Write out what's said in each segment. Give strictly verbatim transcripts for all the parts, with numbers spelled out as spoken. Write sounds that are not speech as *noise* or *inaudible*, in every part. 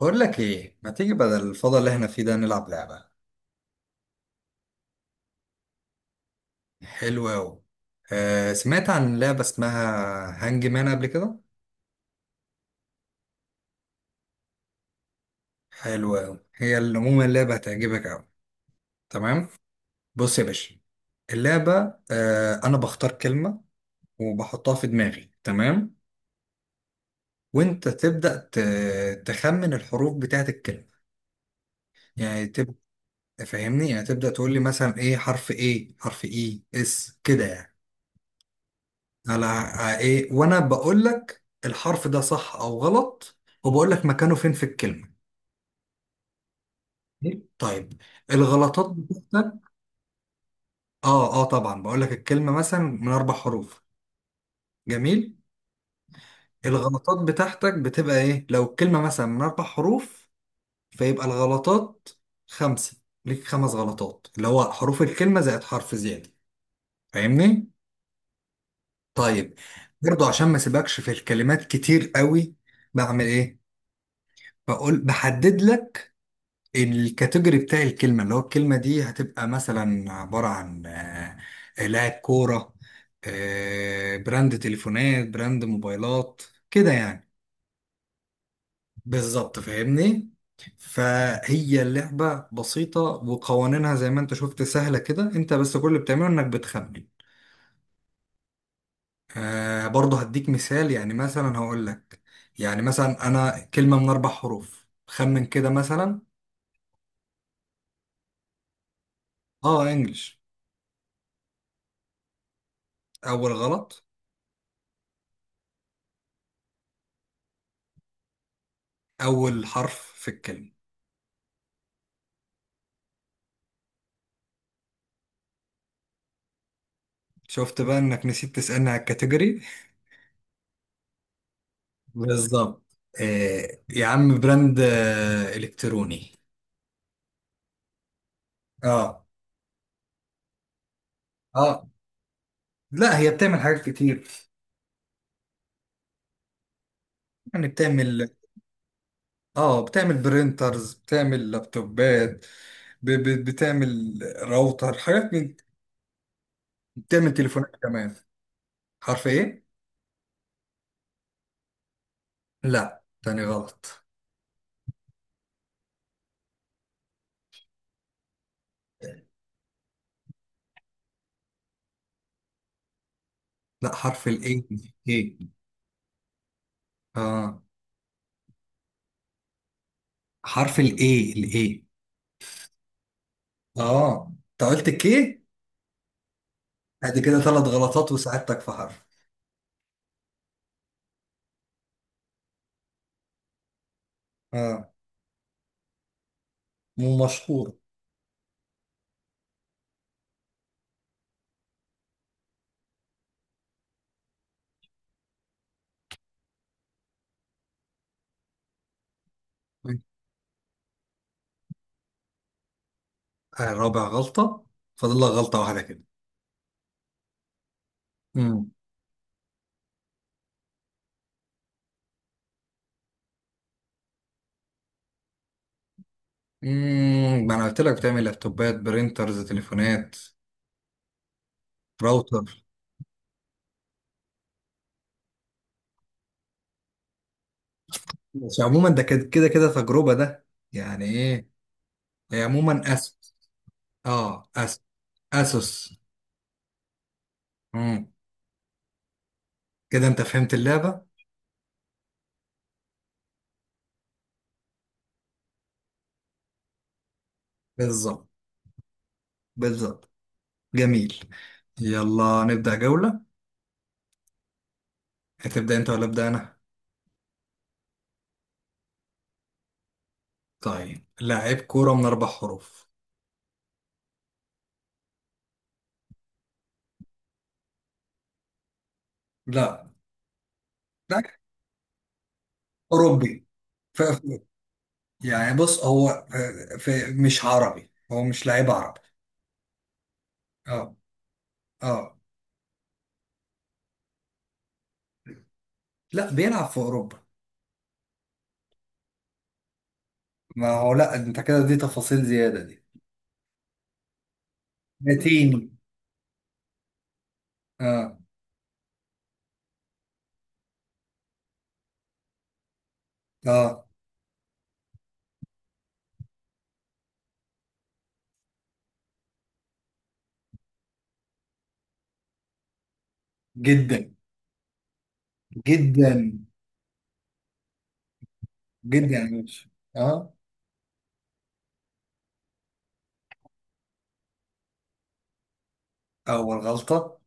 بقول لك ايه، ما تيجي بدل الفضاء اللي احنا فيه ده نلعب لعبة؟ حلوة أوي. آه سمعت عن لعبة اسمها هانج مان قبل كده. حلوة أوي. هي اللي- عموما اللعبة هتعجبك أوي. تمام. بص يا باشا. اللعبة. آه أنا بختار كلمة وبحطها في دماغي. تمام. وأنت تبدأ ت- تخمن الحروف بتاعت الكلمة. يعني تبدأ. فاهمني؟ يعني تبدأ تقول لي مثلا ايه حرف، ايه حرف، ايه اس كده يعني. على ع- ايه، وانا بقول لك الحرف ده صح او غلط، وبقول لك مكانه فين في الكلمه. طيب. الغلطات بتاعتك. اه، اه، طبعا بقول لك الكلمه مثلا من اربع حروف. جميل. الغلطات بتاعتك بتبقى ايه لو الكلمه مثلا من اربع حروف؟ فيبقى الغلطات خمسه. ليك خمس غلطات، اللي هو حروف الكلمه زائد حرف زياده. فاهمني؟ طيب. برضو عشان ما سيبكش في الكلمات كتير قوي بعمل ايه؟ بقول، بحدد لك الكاتيجوري بتاع الكلمة. اللي هو الكلمة دي هتبقى مثلا عبارة عن آه، لاعب كورة، آه، براند تليفونات، براند موبايلات، كده يعني. بالظبط فاهمني. فهي اللعبة بسيطة، وقوانينها زي ما انت شفت سهلة كده. انت بس كل اللي بتعمله انك بتخمن. آه برضه هديك مثال، يعني مثلا هقول لك، يعني مثلا انا كلمة من اربع حروف، خمن كده مثلا. اه، انجلش. اول غلط. اول حرف في الكلمة. شفت بقى انك نسيت تسألني على الكاتيجوري. بالظبط. آه يا عم براند آه الكتروني. اه، اه، لا هي بتعمل حاجات كتير. يعني بتعمل. اه، بتعمل برينترز، بتعمل لابتوبات، ب... ب... بتعمل راوتر، حاجات من. بتعمل تليفونات كمان. حرف ايه؟ لا، تاني غلط. لا، حرف الايه. ايه. اه. حرف الاي، الاي. اه، انت قلت كي. ادي كده ثلاث غلطات وساعدتك في حرف. اه. مشهورة. آه، رابع غلطة. فاضل لك غلطة واحدة كده. امم امم ما انا قلت لك بتعمل لابتوبات، برينترز، تليفونات، راوتر. بس عموما ده كده كده كده تجربة ده. يعني ايه؟ هي عموما اسوس. اه، اس اسوس. امم كده انت فهمت اللعبة. بالظبط. بالظبط. جميل. يلا نبدأ جولة. هتبدأ انت ولا ابدأ انا؟ طيب، لاعب كورة من اربع حروف. لا. لا، اوروبي. ف... يعني بص هو في في- مش عربي، هو مش لعيب عربي. اه. اه. لا، بيلعب في اوروبا. ما هو لا، انت كده دي تفاصيل زياده دي. لاتيني. اه. اه. جدا. جدا. جدا يا باشا. اه. اول غلطه.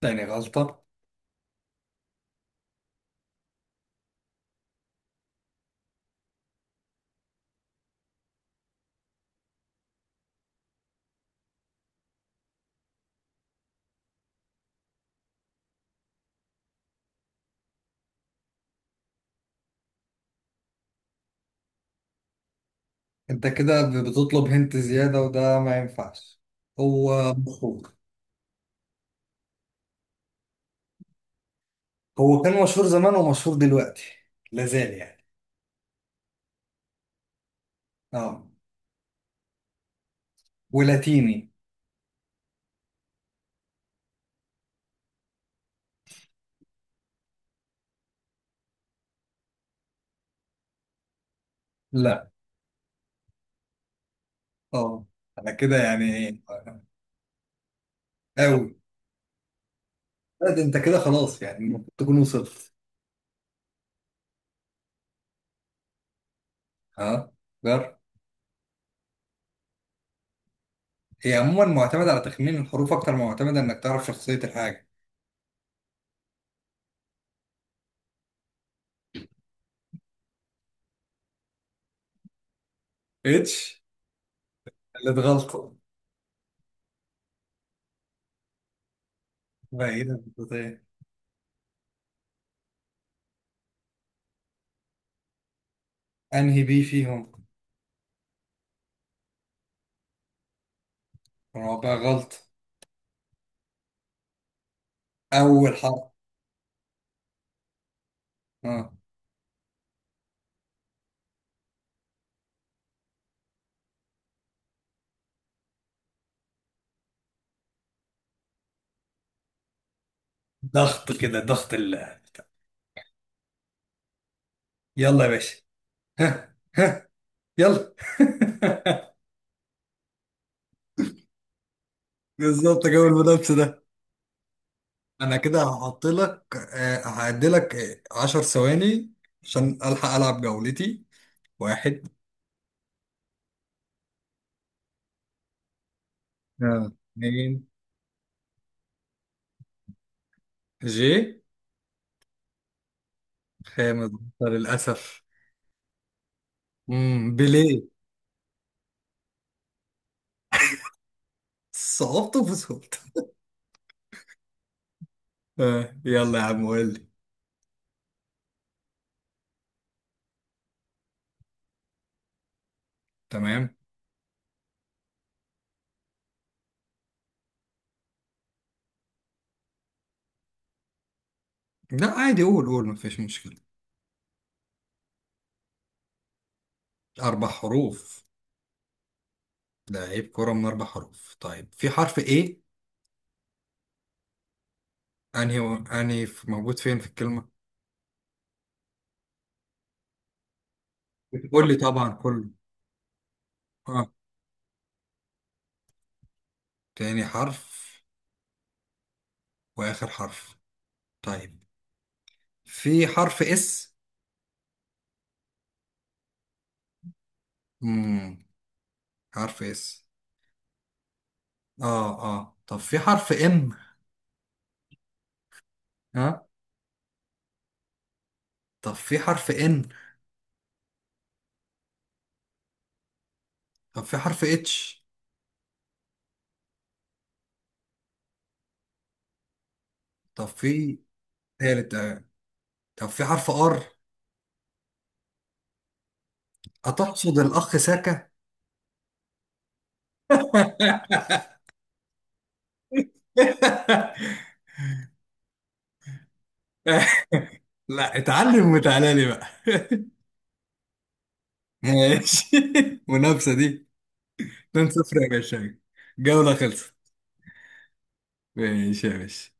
تاني غلطه. انت كده بتطلب هنت زياده وده ما ينفعش. هو مشهور. هو كان مشهور زمان ومشهور دلوقتي. لازال يعني. اه. ولاتيني. لا. اه. انا كده يعني. أوي. لا ده أنت كده خلاص يعني المفروض تكون وصلت. ها. جر. هي عموما معتمدة على تخمين الحروف أكتر ما معتمدة إنك تعرف شخصية الحاجة. اتش. اللي اتغلط. بعيدا بالبداية. أنهي بي فيهم؟ رابع غلط. أول حرف. ها. ضغط كده، ضغط ال. يلا يا باشا. ها، ها. يلا. *laughs* بالظبط جو المنافسة ده. أنا كده هحط لك. آه، هعدي لك عشر ثواني عشان ألحق ألعب جولتي. واحد. آه، اتنين. جي. خامس. للأسف. امم بيليه. صعوبته في صعوبته. آه، يلا يا عم قول لي. تمام. لا عادي، قول قول، مفيش مشكلة. أربع حروف. لعيب كرة من أربع حروف. طيب، في حرف إيه؟ أنهي. أنهي في- موجود فين في الكلمة؟ قول لي طبعا كله. آه. تاني حرف. وآخر حرف. طيب. في حرف إس. امم. حرف إس. آه، آه، طب في حرف إم؟ ها. طب في حرف إن؟ طب في حرف اتش؟ طب في. تالت. آه. طب في حرف ار؟ أتقصد الأخ ساكا؟ *laughs* لا، اتعلم وتعالى لي بقى. *laughs* ماشي. منافسة دي. اتنين صفر يا باشا. الجولة خلصت. ماشي يا باشا.